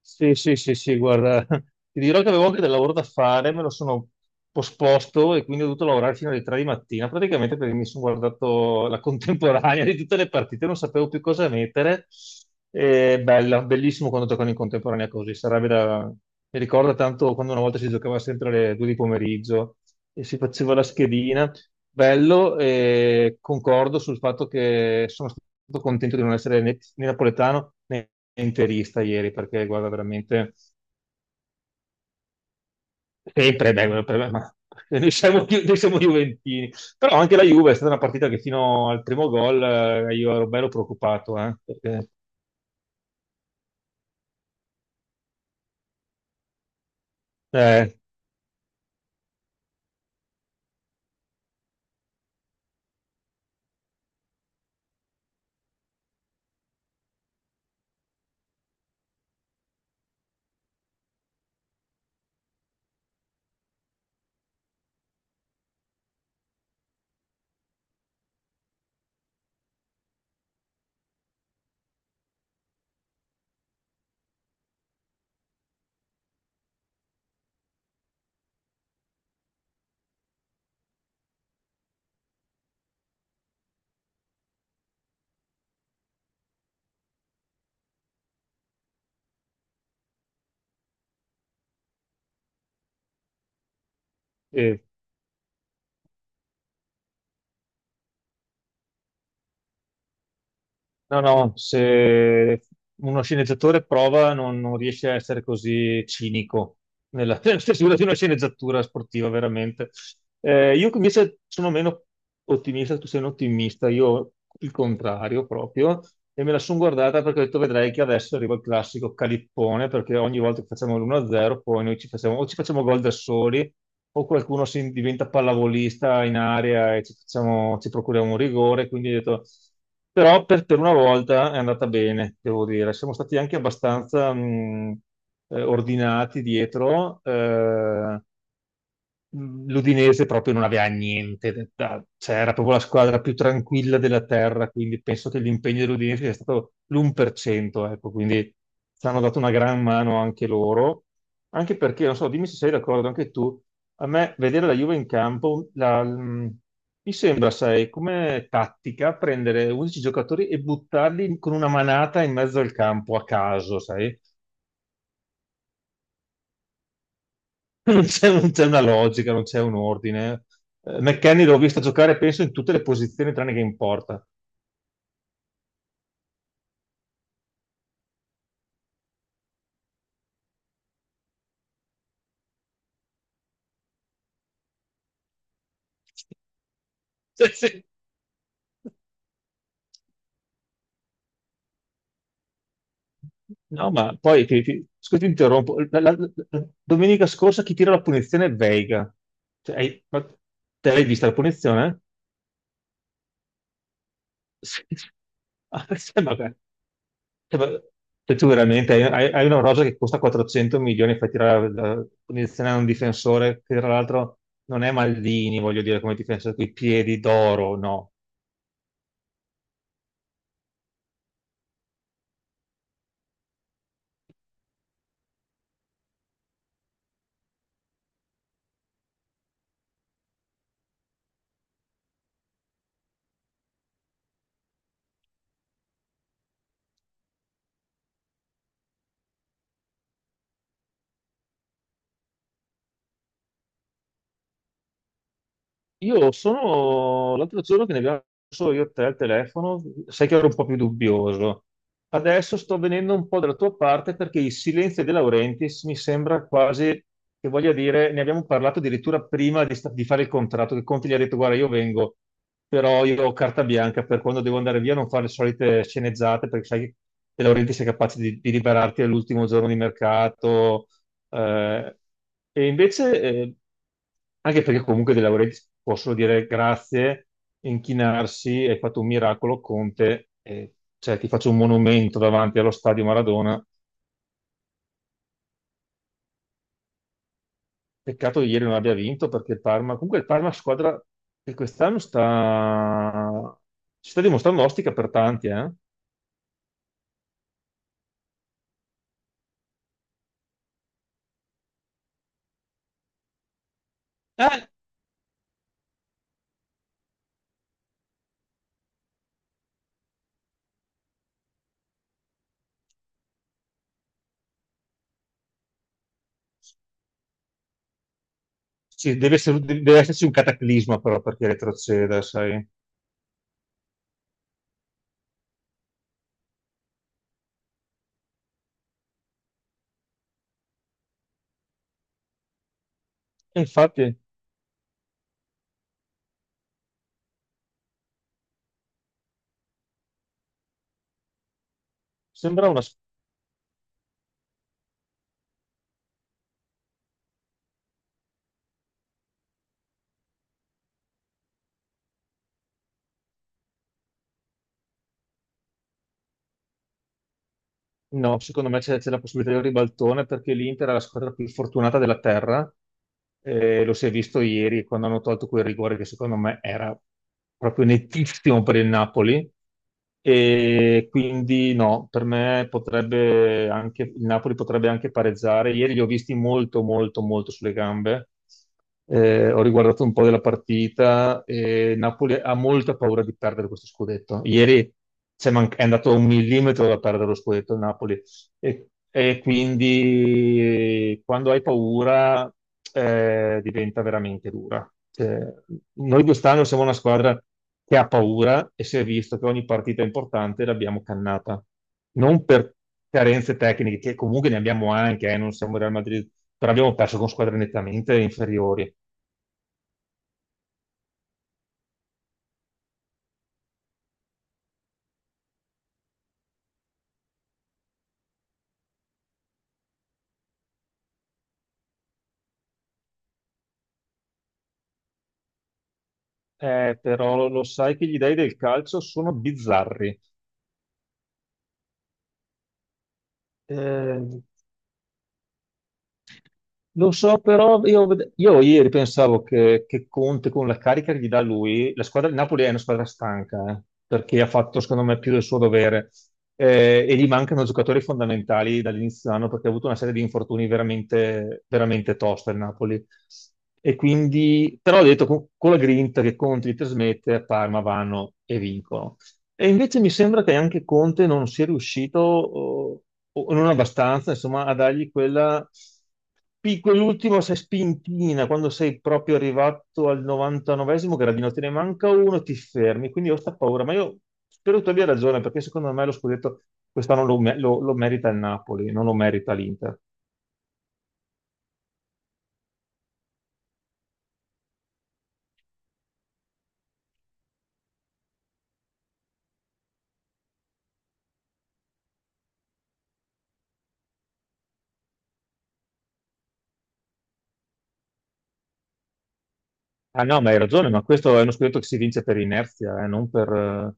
Sì, sì, sì, sì, guarda, ti dirò che avevo anche del lavoro da fare. Me lo sono posposto e quindi ho dovuto lavorare fino alle 3 di mattina, praticamente, perché mi sono guardato la contemporanea di tutte le partite. Non sapevo più cosa mettere. E bella, bellissimo quando giocano in contemporanea così, sarebbe da... Mi ricorda tanto quando una volta si giocava sempre alle 2 di pomeriggio e si faceva la schedina. Bello. E concordo sul fatto che sono stato contento di non essere né napoletano né interista ieri, perché guarda, veramente sempre. Beh, guarda, per me, ma noi siamo Juventini. Però anche la Juve è stata una partita che fino al primo gol, io ero bello preoccupato, eh, eh, no, no, se uno sceneggiatore prova non riesce a essere così cinico nella, nella stesura di una sceneggiatura sportiva, veramente. Io invece sono meno ottimista, tu sei un ottimista, io il contrario proprio, e me la sono guardata perché ho detto: vedrai che adesso arriva il classico calippone, perché ogni volta che facciamo l'1-0 poi noi ci facciamo, o ci facciamo gol da soli, o qualcuno si diventa pallavolista in area e ci procuriamo un rigore. Quindi ho detto, però per una volta è andata bene, devo dire. Siamo stati anche abbastanza ordinati dietro. L'Udinese proprio non aveva niente, cioè era proprio la squadra più tranquilla della terra, quindi penso che l'impegno dell'Udinese sia stato l'1%, ecco. Quindi ci hanno dato una gran mano anche loro, anche perché, non so, dimmi se sei d'accordo anche tu, a me vedere la Juve in campo, mi sembra, sai, come tattica prendere 11 giocatori e buttarli con una manata in mezzo al campo a caso, sai? Non c'è una logica, non c'è un ordine. McKennie l'ho visto giocare, penso, in tutte le posizioni tranne che in porta. Cioè, sì. No, ma poi, scusa, ti interrompo. Domenica scorsa chi tira la punizione è Veiga. Cioè, ma te l'hai vista la punizione? Sì. Ah, cioè, cioè, ma- cioè, tu veramente hai una rosa che costa 400 milioni e fai tirare la punizione a un difensore che tra l'altro non è Maldini, voglio dire, come difensore, con i piedi d'oro, no. Io sono l'altro giorno che ne abbiamo solo io e te al telefono, sai che ero un po' più dubbioso. Adesso sto venendo un po' dalla tua parte perché il silenzio De Laurentiis mi sembra quasi che voglia dire, ne abbiamo parlato addirittura prima di fare il contratto, che Conte gli ha detto: guarda, io vengo, però io ho carta bianca, per quando devo andare via non fare le solite sceneggiate, perché sai che De Laurentiis è capace di liberarti all'ultimo giorno di mercato, eh, e invece, anche perché comunque dei lavoretti possono dire grazie, inchinarsi, hai fatto un miracolo, Conte, e, cioè, ti faccio un monumento davanti allo stadio Maradona. Peccato che ieri non abbia vinto, perché il Parma, comunque, il Parma è una squadra che quest'anno si sta dimostrando ostica per tanti, eh? Eh, Sì, deve esserci un cataclisma però perché retroceda, sai? E infatti sembra una... No, secondo me c'è la possibilità di un ribaltone perché l'Inter è la squadra più fortunata della terra. Lo si è visto ieri quando hanno tolto quel rigore che, secondo me, era proprio nettissimo per il Napoli. E quindi no, per me potrebbe anche, il Napoli potrebbe anche pareggiare. Ieri li ho visti molto, molto, molto sulle gambe, ho riguardato un po' della partita e Napoli ha molta paura di perdere questo scudetto. Ieri è andato un millimetro da perdere lo scudetto, il Napoli. E quindi, quando hai paura, diventa veramente dura. Cioè, noi quest'anno siamo una squadra che ha paura e si è visto che ogni partita importante l'abbiamo cannata. Non per carenze tecniche, che comunque ne abbiamo anche, non siamo il Real Madrid, però abbiamo perso con squadre nettamente inferiori. Però lo sai che gli dei del calcio sono bizzarri. Eh, Lo so, però io, io ieri pensavo che Conte, con la carica che gli dà lui, la squadra di Napoli è una squadra stanca, perché ha fatto, secondo me, più del suo dovere. E gli mancano giocatori fondamentali dall'inizio dell'anno, perché ha avuto una serie di infortuni veramente, veramente tosta il Napoli. E quindi, però ho detto, con la grinta che Conte gli trasmette, a Parma vanno e vincono. E invece mi sembra che anche Conte non sia riuscito, o, non abbastanza, insomma, a dargli quella, quell'ultima, sai, spintina: quando sei proprio arrivato al 99esimo gradino, te ne manca uno, ti fermi. Quindi ho sta paura, ma io spero tu abbia ragione, perché secondo me lo scudetto quest'anno lo merita il Napoli, non lo merita l'Inter. Ah no, ma hai ragione, ma questo è uno scudetto che si vince per inerzia, non per... eh,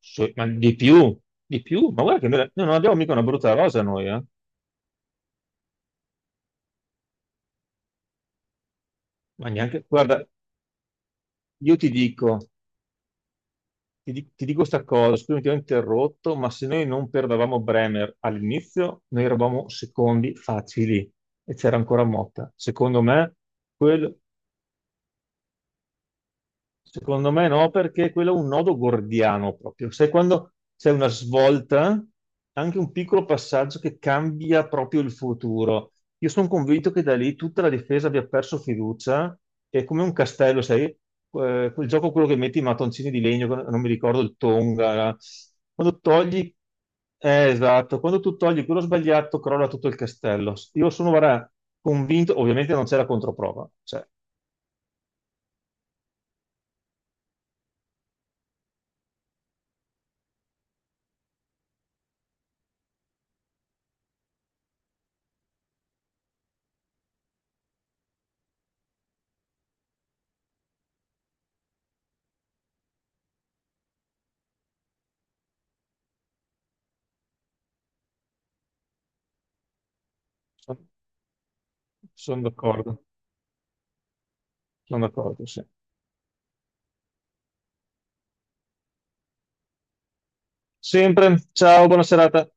so- ma di più, di più. Ma guarda che noi non abbiamo mica una brutta rosa, noi, eh. Ma neanche, guarda, io ti dico, ti dico sta cosa, scusami, ti ho interrotto, ma se noi non perdevamo Bremer all'inizio, noi eravamo secondi facili e c'era ancora Motta. Quel- Secondo me no, perché quello è un nodo gordiano proprio. Sai, quando c'è una svolta, anche un piccolo passaggio che cambia proprio il futuro. Io sono convinto che da lì tutta la difesa abbia perso fiducia, è come un castello, sai? Quel gioco, quello che metti i mattoncini di legno, non mi ricordo, il Tonga. Quando togli, esatto, quando tu togli quello sbagliato, crolla tutto il castello. Io sono, guarda, convinto, ovviamente non c'è la controprova, cioè, sono d'accordo. Sono d'accordo, sì. Sempre. Ciao, buona serata.